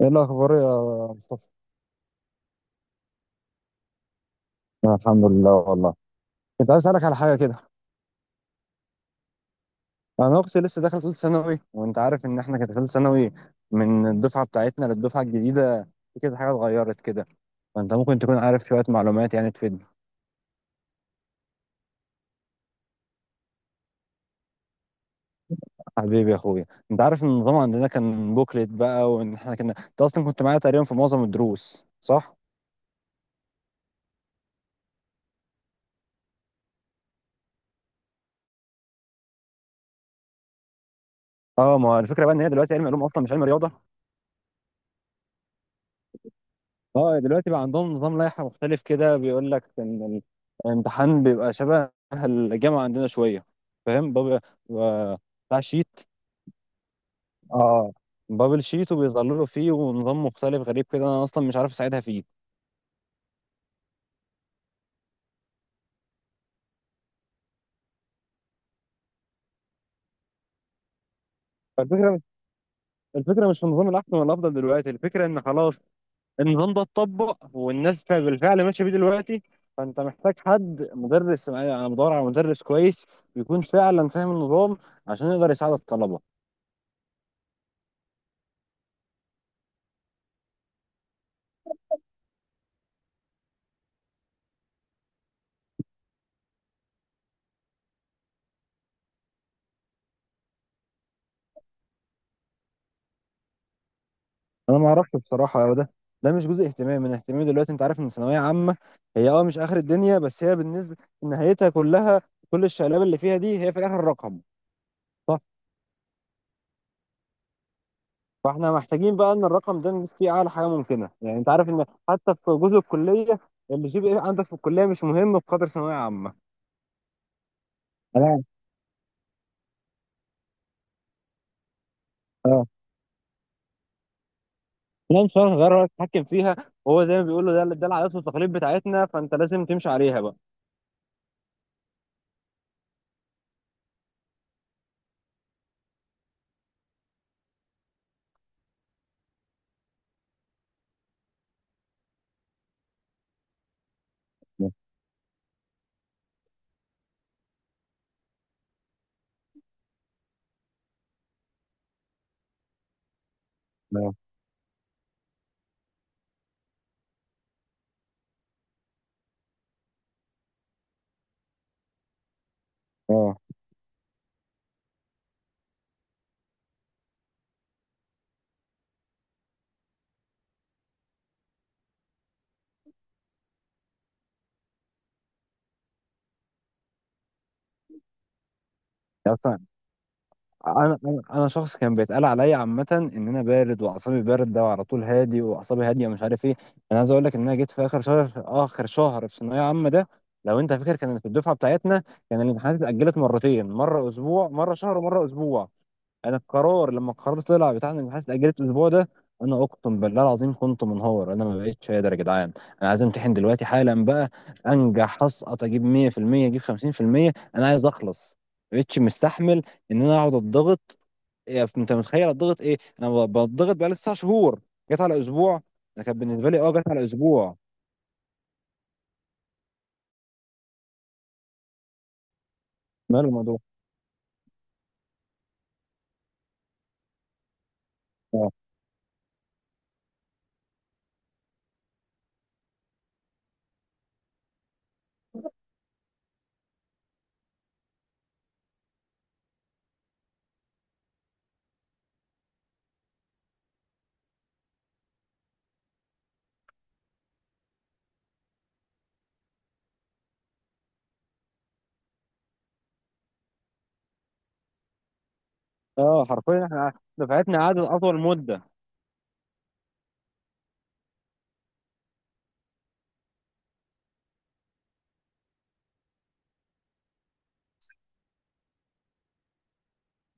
ايه الاخبار يا مصطفى؟ أنا الحمد لله والله. كنت عايز اسالك على حاجه كده. انا اختي لسه داخله ثالثه ثانوي وانت عارف ان احنا كانت ثالثه ثانوي من الدفعه بتاعتنا للدفعه الجديده. في كده حاجه اتغيرت كده. فانت ممكن تكون عارف شويه معلومات يعني تفيدنا. حبيبي يا اخويا، انت عارف ان النظام عندنا كان بوكلت بقى، وان احنا كنا، انت اصلا كنت معايا تقريبا في معظم الدروس، صح؟ اه، ما هو الفكره بقى ان هي دلوقتي علم علوم اصلا مش علم رياضه. اه دلوقتي بقى عندهم نظام لائحة مختلف كده بيقول لك ان الامتحان بيبقى شبه الجامعة عندنا شوية. فاهم بابل؟ بيبقى بتاع شيت. اه بابل شيت وبيظللوا فيه ونظام مختلف غريب كده، انا اصلا مش عارف اساعدها فيه. الفكرة، الفكرة مش في النظام الأحسن ولا الأفضل دلوقتي، الفكرة إن خلاص النظام ده اتطبق والناس بالفعل ماشية بيه دلوقتي. فأنت محتاج حد مدرس، أنا بدور على مدرس كويس يكون فعلا فاهم النظام عشان يقدر يساعد الطلبة. انا ما اعرفش بصراحه هو ده مش جزء اهتمامي، من اهتمامي دلوقتي انت عارف ان ثانويه عامه هي اه مش اخر الدنيا، بس هي بالنسبه، نهايتها كلها، كل الشقلاب اللي فيها دي هي في الاخر رقم. صح، فاحنا محتاجين بقى ان الرقم ده نجيب فيه اعلى حاجه ممكنه. يعني انت عارف ان حتى في جزء الكليه، اللي جي بي ايه عندك في الكليه مش مهم بقدر ثانويه عامه. لا، اه، لا ان شاء الله هنغير رأيك نتحكم فيها. وهو زي ما بيقولوا، ده ده العادات والتقاليد بتاعتنا فانت لازم تمشي عليها بقى. لا، لا. اه، انا انا أنا شخص كان بيتقال عليا عامه ان انا بارد واعصابي بارده وعلى طول هادي واعصابي هاديه ومش عارف ايه. انا عايز اقول لك ان انا جيت في اخر شهر، اخر شهر في ثانويه عامه ده، لو انت فاكر، كانت في الدفعه بتاعتنا كان الامتحانات اتاجلت مرتين: مره اسبوع، مره شهر، ومره اسبوع. انا القرار لما القرار طلع بتاع ان الامتحانات اتاجلت الاسبوع ده، انا اقسم بالله العظيم كنت منهار، انا ما بقتش قادر يا جدعان. انا عايز امتحن دلوقتي حالا بقى، انجح اسقط، اجيب 100%، اجيب 50%، انا عايز اخلص. ما بقتش مستحمل ان انا اقعد اتضغط. انت متخيل اتضغط ايه؟ انا ب- بتضغط بقالي 9 شهور، جت على اسبوع. ده كان بالنسبه لي، اه جت على اسبوع. ماله الموضوع؟ اه، آه، حرفيا احنا دفعتنا قعدت اطول مده.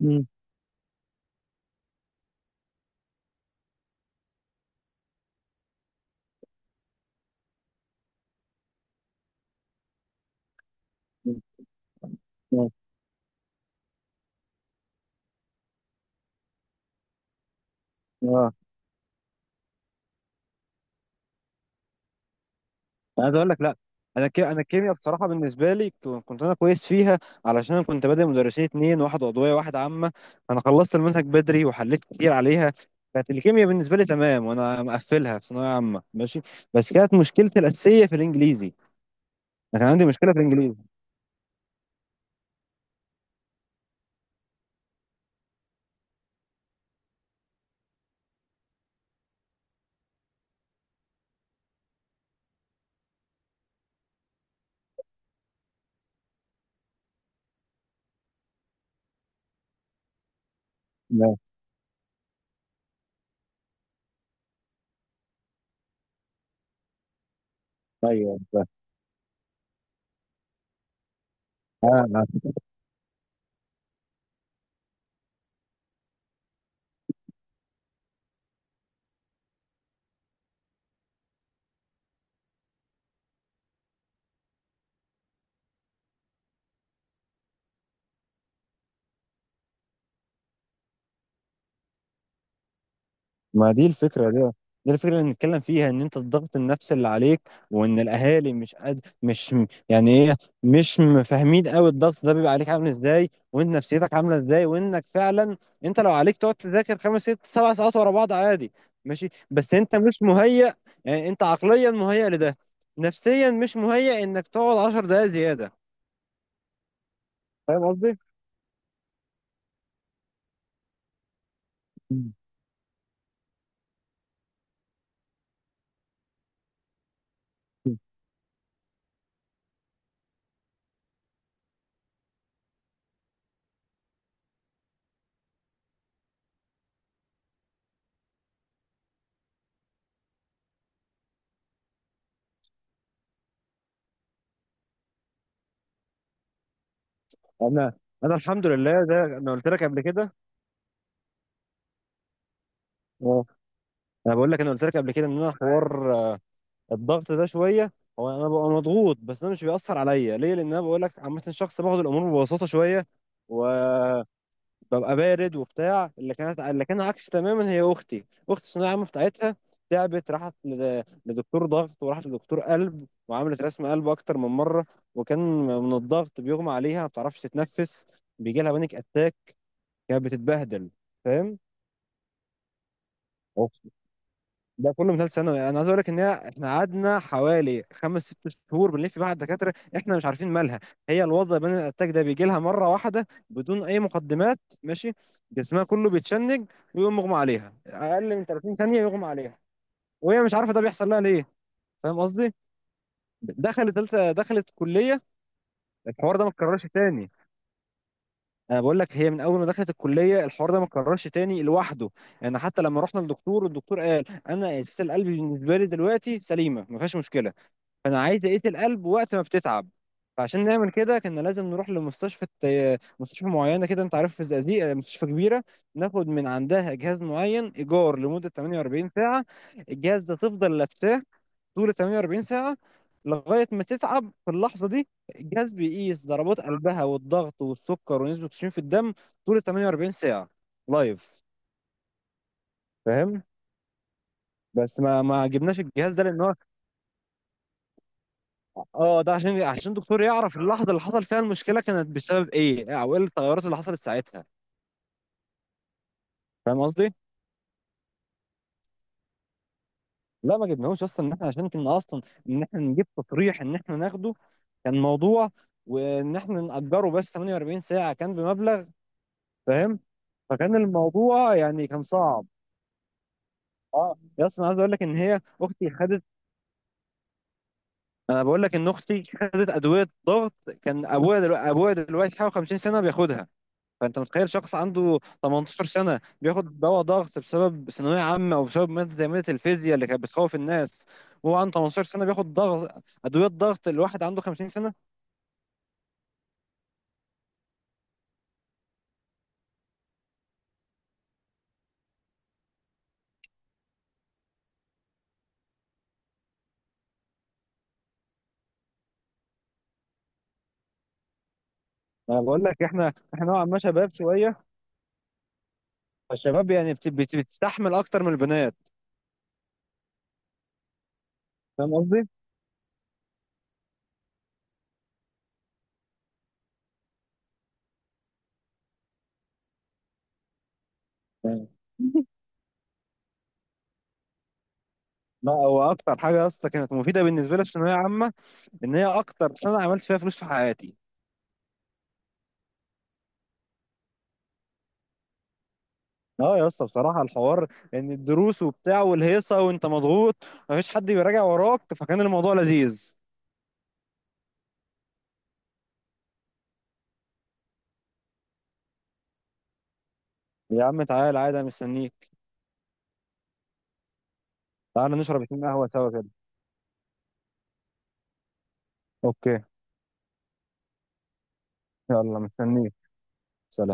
مم. اه انا عايز اقول لك، لا انا انا الكيمياء بصراحه بالنسبه لي كنت انا كويس فيها. علشان انا كنت بادئ مدرسين اتنين، واحد عضويه واحد عامه. انا خلصت المنهج بدري وحليت كتير عليها. كانت الكيمياء بالنسبه لي تمام وانا مقفلها في ثانويه عامه ماشي. بس كانت مشكلتي الاساسيه في الانجليزي. انا كان عندي مشكله في الانجليزي. لا ايوه، ما دي الفكرة دي، دي الفكرة اللي نتكلم فيها ان انت الضغط النفسي اللي عليك، وان الاهالي مش قد مش م- يعني ايه، مش م- فاهمين قوي الضغط ده بيبقى عليك عامل ازاي، وانت نفسيتك عاملة ازاي، وانك فعلا انت لو عليك تقعد تذاكر خمس ست سبع ساعات ورا بعض عادي ماشي، بس انت مش مهيأ. يعني انت عقليا مهيأ لده، نفسيا مش مهيأ انك تقعد 10 دقايق زيادة. فاهم قصدي؟ انا، الحمد لله، ده انا قلت لك قبل كده. اه، انا بقول لك انا قلت لك قبل كده ان انا حوار الضغط ده شويه. هو انا ببقى مضغوط بس ده مش بيأثر عليا ليه؟ لان انا بقول لك عامه شخص باخد الامور ببساطه شويه وببقى بارد وبتاع. اللي كانت اللي كان عكس تماما هي اختي، اختي الثانويه العامه بتاعتها. تعبت، راحت لدكتور ضغط وراحت لدكتور قلب وعملت رسم قلب اكتر من مره. وكان من الضغط بيغمى عليها، ما بتعرفش تتنفس، بيجي لها بانيك اتاك، كانت بتتبهدل. فاهم؟ ده كله من ثالث ثانوي. يعني انا عايز اقول لك ان هي، احنا قعدنا حوالي خمس ست شهور بنلف مع الدكاتره احنا مش عارفين مالها. هي الوضع بين الاتاك ده بيجي لها مره واحده بدون اي مقدمات ماشي، جسمها كله بيتشنج ويقوم مغمى عليها. اقل من 30 ثانيه يغمى عليها وهي مش عارفه ده بيحصل لها ليه. فاهم قصدي؟ دخلت ثالثه، دخلت كليه، الحوار ده ما اتكررش تاني. انا بقول لك هي من اول ما دخلت الكليه الحوار ده ما اتكررش تاني لوحده. انا حتى لما رحنا للدكتور، والدكتور قال انا اساس القلب بالنسبه لي دلوقتي سليمه ما فيهاش مشكله، فانا عايز اقيس القلب وقت ما بتتعب. فعشان نعمل كده كنا لازم نروح لمستشفى، مستشفى معينه كده، انت عارف في الزقازيق مستشفى كبيره، ناخد من عندها جهاز معين ايجار لمده 48 ساعه. الجهاز ده تفضل لابساه طول 48 ساعه، لغايه ما تتعب في اللحظه دي. الجهاز بيقيس ضربات قلبها والضغط والسكر ونسبه الاكسجين في الدم طول 48 ساعه لايف. فاهم؟ بس ما جبناش الجهاز ده لان هو، اه، ده عشان الدكتور يعرف اللحظه اللي حصل فيها المشكله كانت بسبب ايه، او ايه التغيرات اللي حصلت ساعتها. فاهم قصدي؟ لا ما جبناهوش اصلا، ان احنا عشان كنا اصلا ان احنا نجيب تصريح ان احنا ناخده، كان موضوع، وان احنا نأجره بس 48 ساعه كان بمبلغ. فاهم؟ فكان الموضوع يعني كان صعب. اه يا، اصلا عايز اقول لك ان هي اختي خدت، انا بقول لك ان اختي خدت ادويه ضغط. كان ابويا دلوقتي، حوالي 50 سنه بياخدها. فانت متخيل شخص عنده 18 سنه بياخد دواء ضغط بسبب ثانويه عامه، او بسبب ماده زي ماده الفيزياء اللي كانت بتخوف الناس، وهو عنده 18 سنه بياخد ضغط، ادويه ضغط الواحد عنده 50 سنه. انا بقول لك احنا نوعا ما شباب شويه. فالشباب يعني بتستحمل اكتر من البنات. فاهم قصدي؟ لا هو اكتر حاجه يا اسطى كانت مفيده بالنسبه لي في الثانويه عامه ان هي اكتر سنه عملت فيها فلوس في حياتي. اه يا اسطى، بصراحه الحوار ان الدروس وبتاع والهيصه وانت مضغوط، مفيش حد بيراجع وراك، فكان الموضوع لذيذ. يا عم تعال عادي، أنا مستنيك. تعال نشرب 2 قهوه سوا كده. اوكي، يلا، مستنيك، سلام.